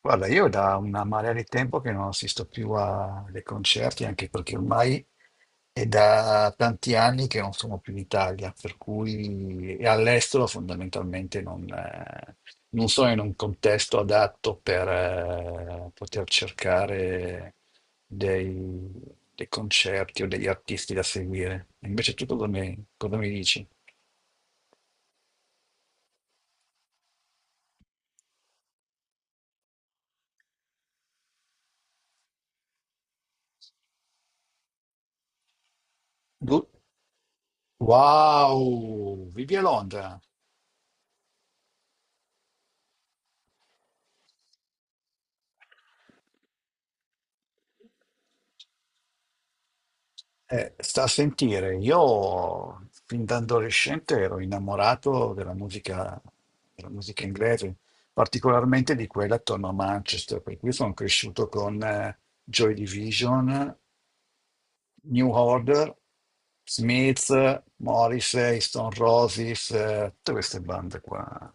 Guarda, io da una marea di tempo che non assisto ai concerti, anche perché ormai è da tanti anni che non sono più in Italia, per cui e all'estero fondamentalmente non sono in un contesto adatto per poter cercare dei, dei concerti o degli artisti da seguire. Invece tu cosa mi dici? Du- Wow, vivi a Londra? Sta a sentire, io fin da adolescente ero innamorato della musica inglese, particolarmente di quella attorno a Manchester, per cui sono cresciuto con Joy Division, New Order, Smith, Morrissey, Stone Roses, tutte queste bande qua.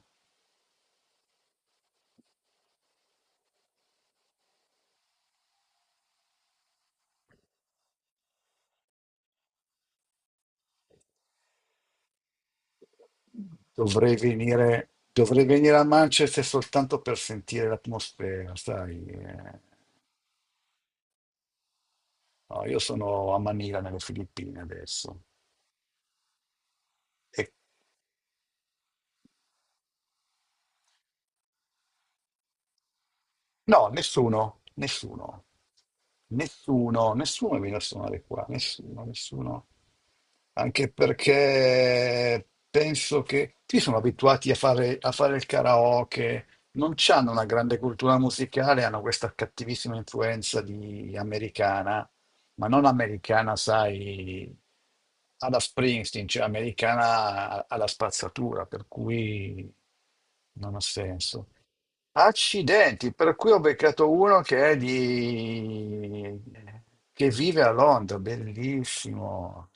Dovrei venire a Manchester soltanto per sentire l'atmosfera, sai? Eh. No, io sono a Manila, nelle Filippine adesso. E No, nessuno, nessuno, nessuno, nessuno viene a suonare qua, nessuno, nessuno. Anche perché penso che qui sono abituati a fare il karaoke, non hanno una grande cultura musicale, hanno questa cattivissima influenza di americana, ma non americana, sai, alla Springsteen, cioè americana alla spazzatura, per cui non ha senso. Accidenti, per cui ho beccato uno che vive a Londra, bellissimo.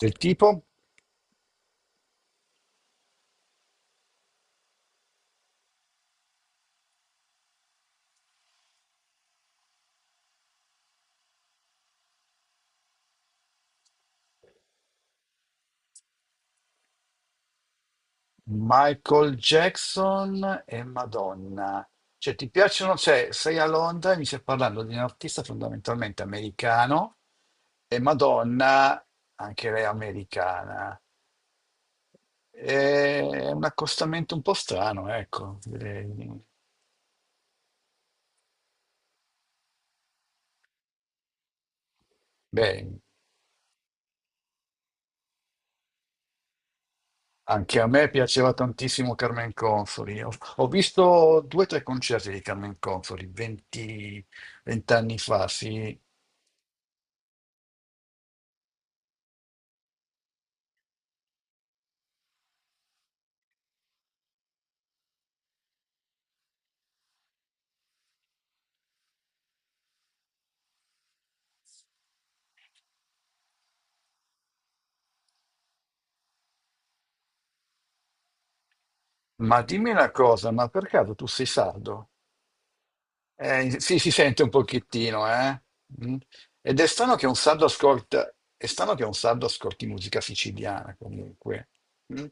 Del tipo Michael Jackson e Madonna. Cioè, ti piacciono? Cioè, sei a Londra e mi stai parlando di un artista fondamentalmente americano e Madonna, anche lei americana. È un accostamento un po' strano, ecco, direi. Beh, anche a me piaceva tantissimo Carmen Consoli. Ho visto due o tre concerti di Carmen Consoli 20 anni fa, sì. Ma dimmi una cosa, ma per caso tu sei sardo? Sì, si sente un pochettino, eh? Mm. Ed è strano che un sardo ascolta, è strano che un sardo ascolti musica siciliana comunque. Mm.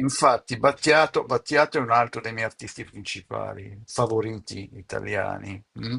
Infatti, Battiato è un altro dei miei artisti principali, favoriti italiani. Mm.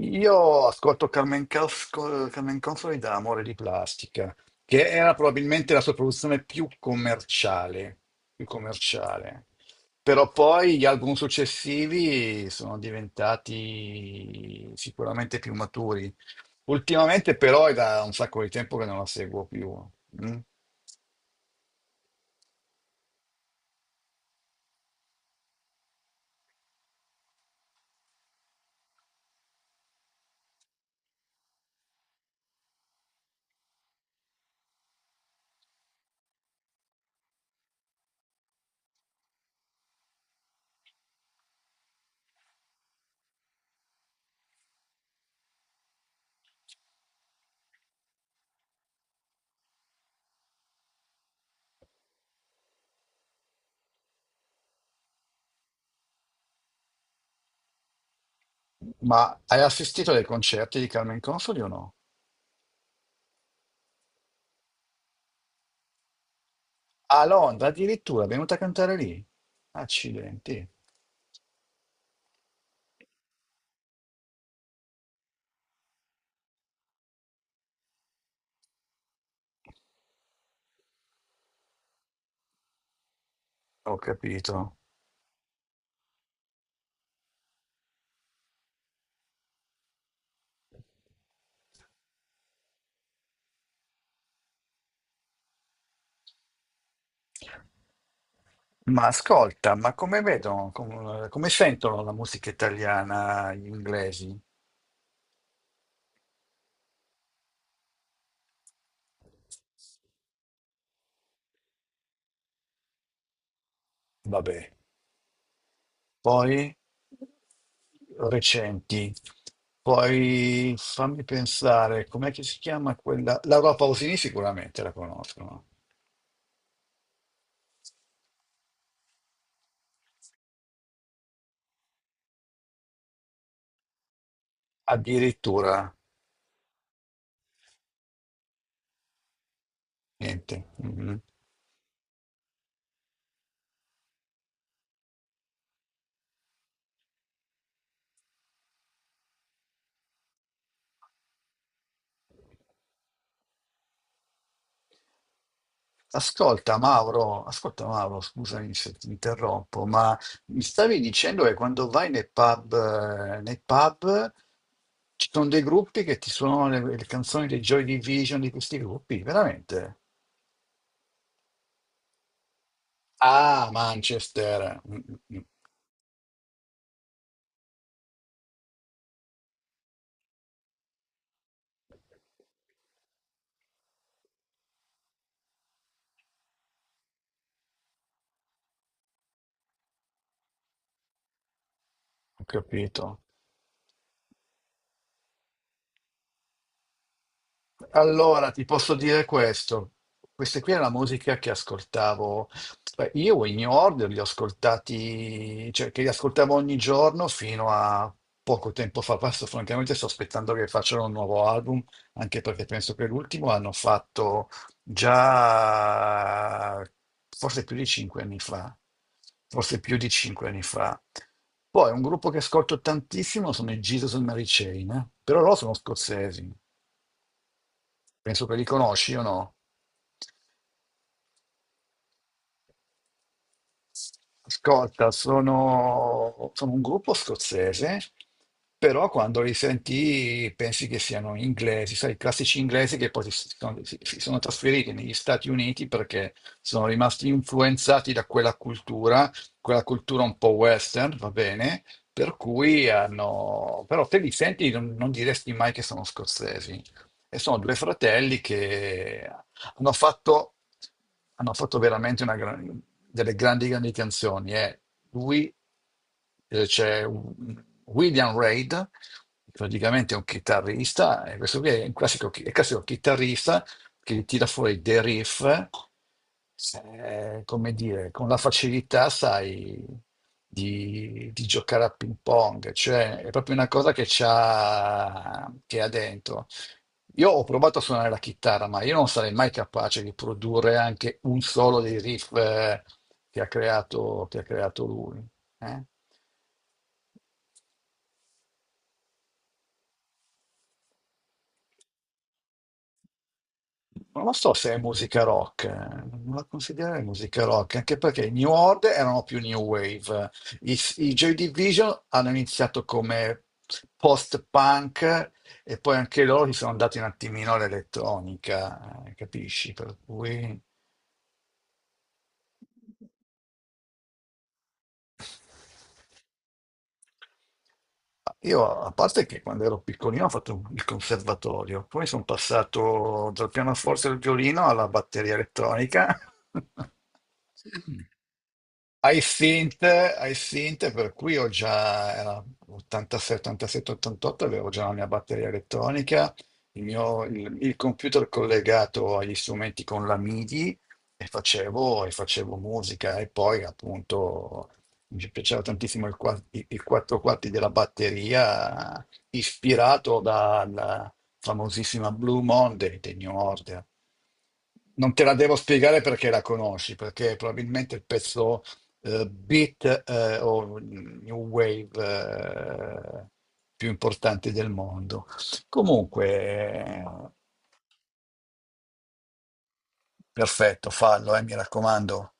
Io ascolto Carmen Consoli da Amore di Plastica, che era probabilmente la sua produzione più commerciale, più commerciale. Però poi gli album successivi sono diventati sicuramente più maturi. Ultimamente però è da un sacco di tempo che non la seguo più. Mm. Ma hai assistito ai concerti di Carmen Consoli o no? A Londra addirittura, è venuta a cantare lì. Accidenti, ho capito. Ma ascolta, ma come sentono la musica italiana gli inglesi? Vabbè, poi recenti, poi fammi pensare, com'è che si chiama quella? Laura Pausini sicuramente la conoscono, addirittura, niente. Mhm. Ascolta Mauro, scusami se ti interrompo, ma mi stavi dicendo che quando vai nei pub, nei pub ci sono dei gruppi che ti suonano le canzoni dei Joy Division di questi gruppi, veramente? Ah, Manchester. Ho capito. Allora, ti posso dire questo. Questa qui è la musica che ascoltavo. Beh, io in New Order li ho ascoltati, cioè che li ascoltavo ogni giorno fino a poco tempo fa. Adesso, francamente, sto aspettando che facciano un nuovo album, anche perché penso che l'ultimo hanno fatto già forse più di cinque anni fa. Forse più di cinque anni fa. Poi un gruppo che ascolto tantissimo sono i Jesus and Mary Chain, eh. Però loro sono scozzesi. Penso che li conosci o no? Ascolta, sono un gruppo scozzese, però quando li senti pensi che siano inglesi, sai, i classici inglesi che poi si sono trasferiti negli Stati Uniti perché sono rimasti influenzati da quella cultura un po' western, va bene? Per cui hanno. Però te li senti non diresti mai che sono scozzesi. E sono due fratelli che Hanno fatto, hanno fatto veramente delle grandi, grandi canzoni. Lui William Reid, praticamente è un chitarrista, e questo qui è un classico, è il classico chitarrista che tira fuori dei riff, come dire, con la facilità, sai, di giocare a ping pong, cioè è proprio una cosa che c'ha, che ha dentro. Io ho provato a suonare la chitarra, ma io non sarei mai capace di produrre anche un solo dei riff che ha creato lui. Eh. Non lo so se è musica rock, non la considererei musica rock, anche perché i New Order erano più New Wave. I Joy Division hanno iniziato come post-punk e poi anche loro si sono andati un attimino all'elettronica, capisci? Per cui. Io, a parte che quando ero piccolino ho fatto il conservatorio, poi sono passato dal pianoforte al violino alla batteria elettronica. I Synth, I Synth, per cui era 86, 87, 88, avevo già la mia batteria elettronica, il computer collegato agli strumenti con la MIDI e facevo, musica e poi appunto mi piaceva tantissimo i quattro quarti della batteria ispirato dalla famosissima Blue Monday dei New Order. Non te la devo spiegare perché la conosci, perché probabilmente il pezzo beat o new wave eh, più importanti del mondo. Comunque, perfetto, fallo, mi raccomando.